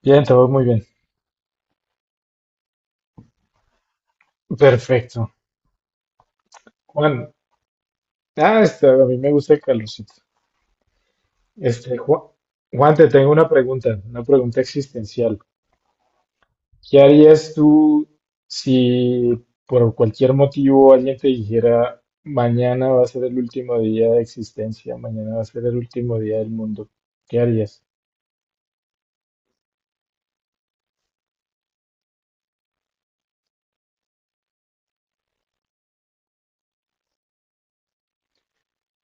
Bien, todo muy bien. Perfecto. Juan, a mí me gusta el calorcito. Juan, te tengo una pregunta existencial. ¿Qué harías tú si por cualquier motivo alguien te dijera, mañana va a ser el último día de existencia, mañana va a ser el último día del mundo? ¿Qué harías?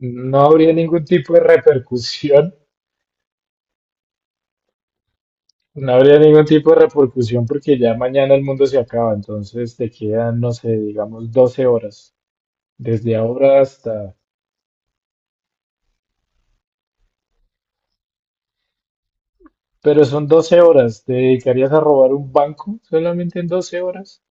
No habría ningún tipo de repercusión, no habría ningún tipo de repercusión porque ya mañana el mundo se acaba, entonces te quedan, no sé, digamos 12 horas. Desde ahora hasta... Pero son 12 horas. ¿Te dedicarías a robar un banco solamente en 12 horas?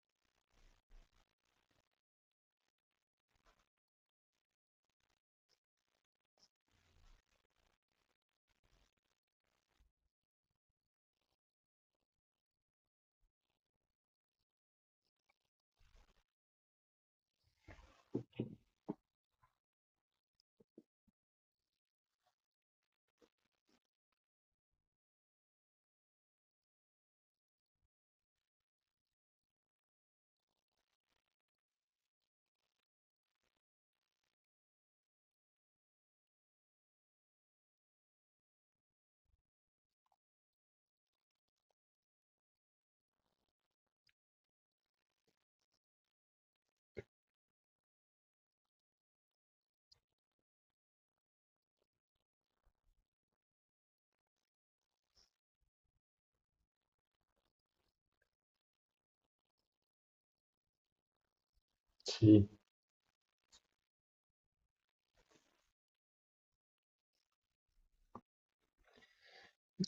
Sí.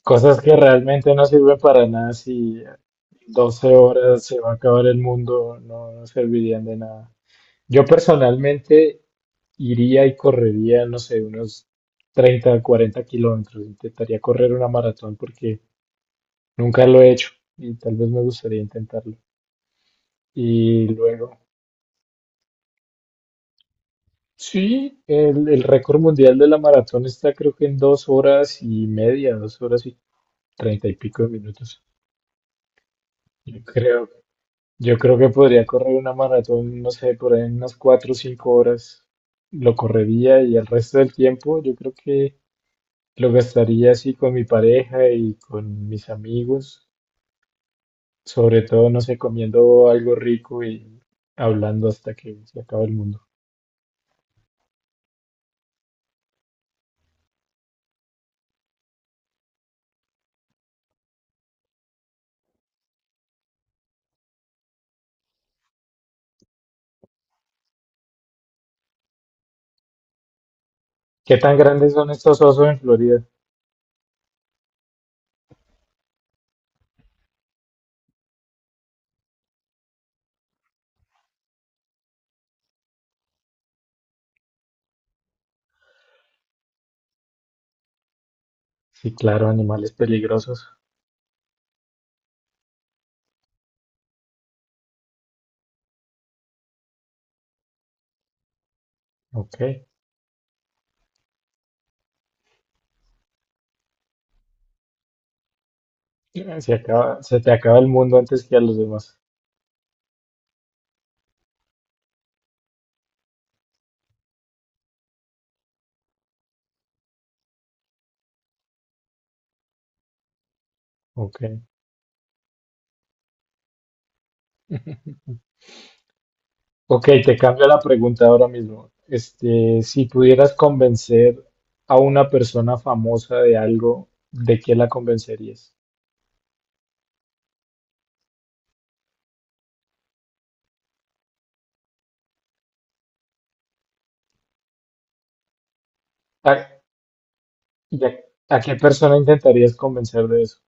Cosas que realmente no sirven para nada si en 12 horas se va a acabar el mundo, no, no servirían de nada. Yo personalmente iría y correría, no sé, unos 30, 40 kilómetros. Intentaría correr una maratón porque nunca lo he hecho y tal vez me gustaría intentarlo. Y luego... Sí, el récord mundial de la maratón está creo que en 2 horas y media, 2 horas y 30 y pico de minutos. Yo creo, yo creo que podría correr una maratón, no sé, por ahí en unas 4 o 5 horas. Lo correría y el resto del tiempo yo creo que lo gastaría así con mi pareja y con mis amigos, sobre todo, no sé, comiendo algo rico y hablando hasta que se acabe el mundo. ¿Qué tan grandes son estos osos en Florida? Sí, claro, animales peligrosos. Ok. Se acaba, se te acaba el mundo antes que a los demás. Ok. Ok, te cambio la pregunta ahora mismo. Este, si pudieras convencer a una persona famosa de algo, ¿de qué la convencerías? ¿A, y a- a qué persona intentarías convencer de eso?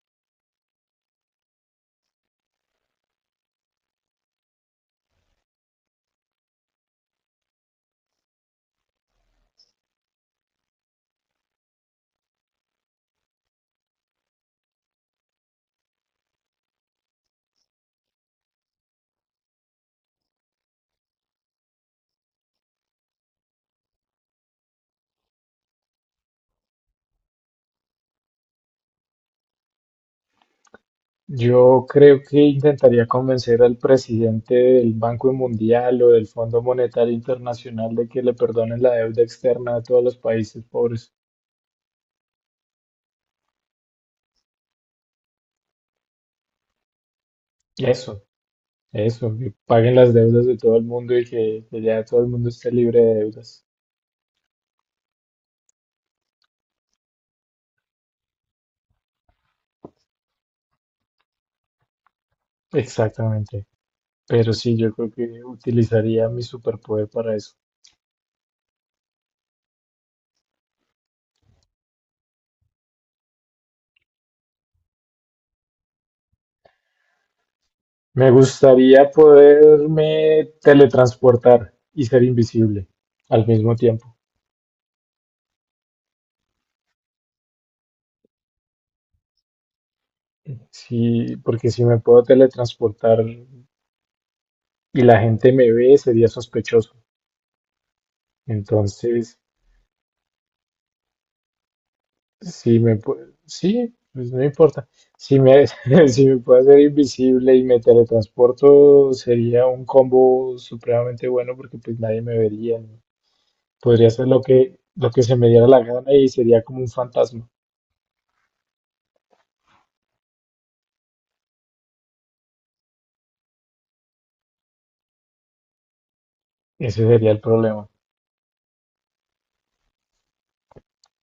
Yo creo que intentaría convencer al presidente del Banco Mundial o del Fondo Monetario Internacional de que le perdonen la deuda externa a todos los países pobres. Eso. Eso, que paguen las deudas de todo el mundo y que ya todo el mundo esté libre de deudas. Exactamente. Pero sí, yo creo que utilizaría mi superpoder para eso. Me gustaría poderme teletransportar y ser invisible al mismo tiempo. Sí, porque si me puedo teletransportar y la gente me ve, sería sospechoso. Entonces, Si me pu- sí, pues no importa. Si me, si me puedo hacer invisible y me teletransporto, sería un combo supremamente bueno porque pues nadie me vería, ¿no? Podría hacer lo que se me diera la gana y sería como un fantasma. Ese sería el problema.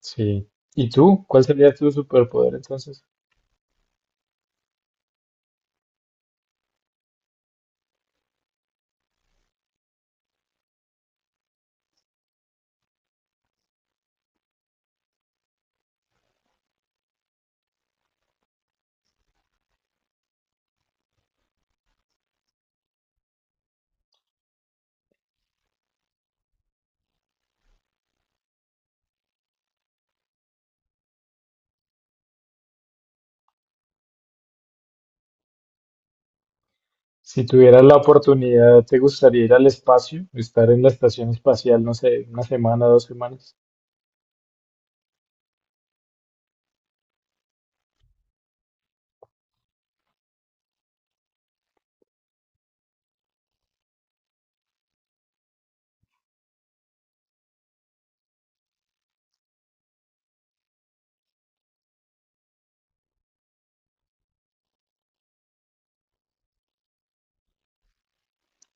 Sí. ¿Y tú? ¿Cuál sería tu superpoder entonces? Si tuvieras la oportunidad, ¿te gustaría ir al espacio? Estar en la estación espacial, no sé, una semana, dos semanas.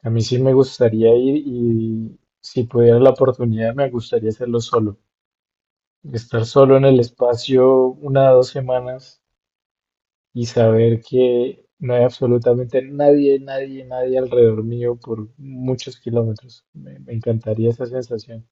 A mí sí me gustaría ir y si pudiera la oportunidad me gustaría hacerlo solo. Estar solo en el espacio una o dos semanas y saber que no hay absolutamente nadie, nadie, nadie alrededor mío por muchos kilómetros. Me encantaría esa sensación.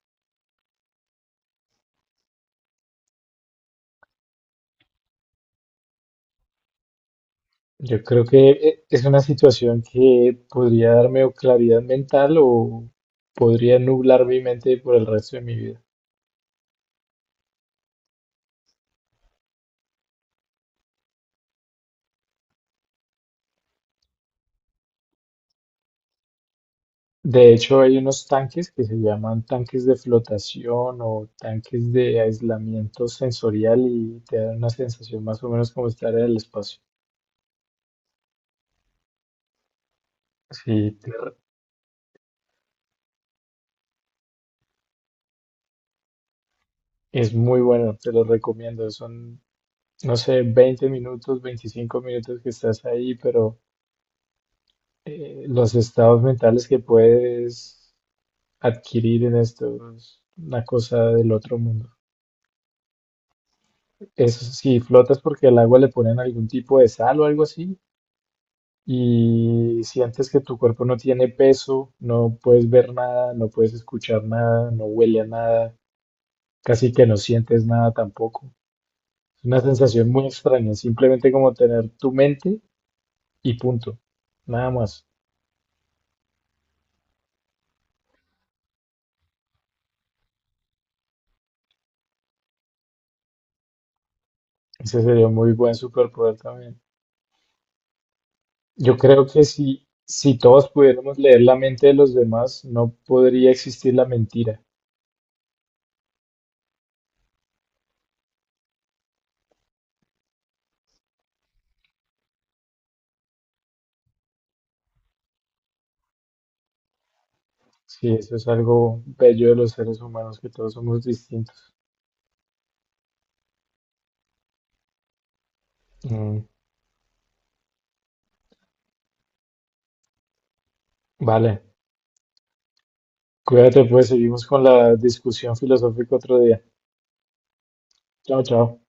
Yo creo que es una situación que podría darme o claridad mental o podría nublar mi mente por el resto de mi vida. De hecho, hay unos tanques que se llaman tanques de flotación o tanques de aislamiento sensorial y te dan una sensación más o menos como estar en el espacio. Sí, es muy bueno, te lo recomiendo. Son, no sé, 20 minutos, 25 minutos que estás ahí, pero los estados mentales que puedes adquirir en esto es una cosa del otro mundo. Eso sí, flotas porque al agua le ponen algún tipo de sal o algo así y sientes que tu cuerpo no tiene peso, no puedes ver nada, no puedes escuchar nada, no huele a nada, casi que no sientes nada tampoco. Es una sensación muy extraña, simplemente como tener tu mente y punto, nada más. Ese sería un muy buen superpoder también. Yo creo que si todos pudiéramos leer la mente de los demás, no podría existir la mentira. Sí, eso es algo bello de los seres humanos, que todos somos distintos. Mm, vale. Cuídate, pues seguimos con la discusión filosófica otro día. Chao, chao.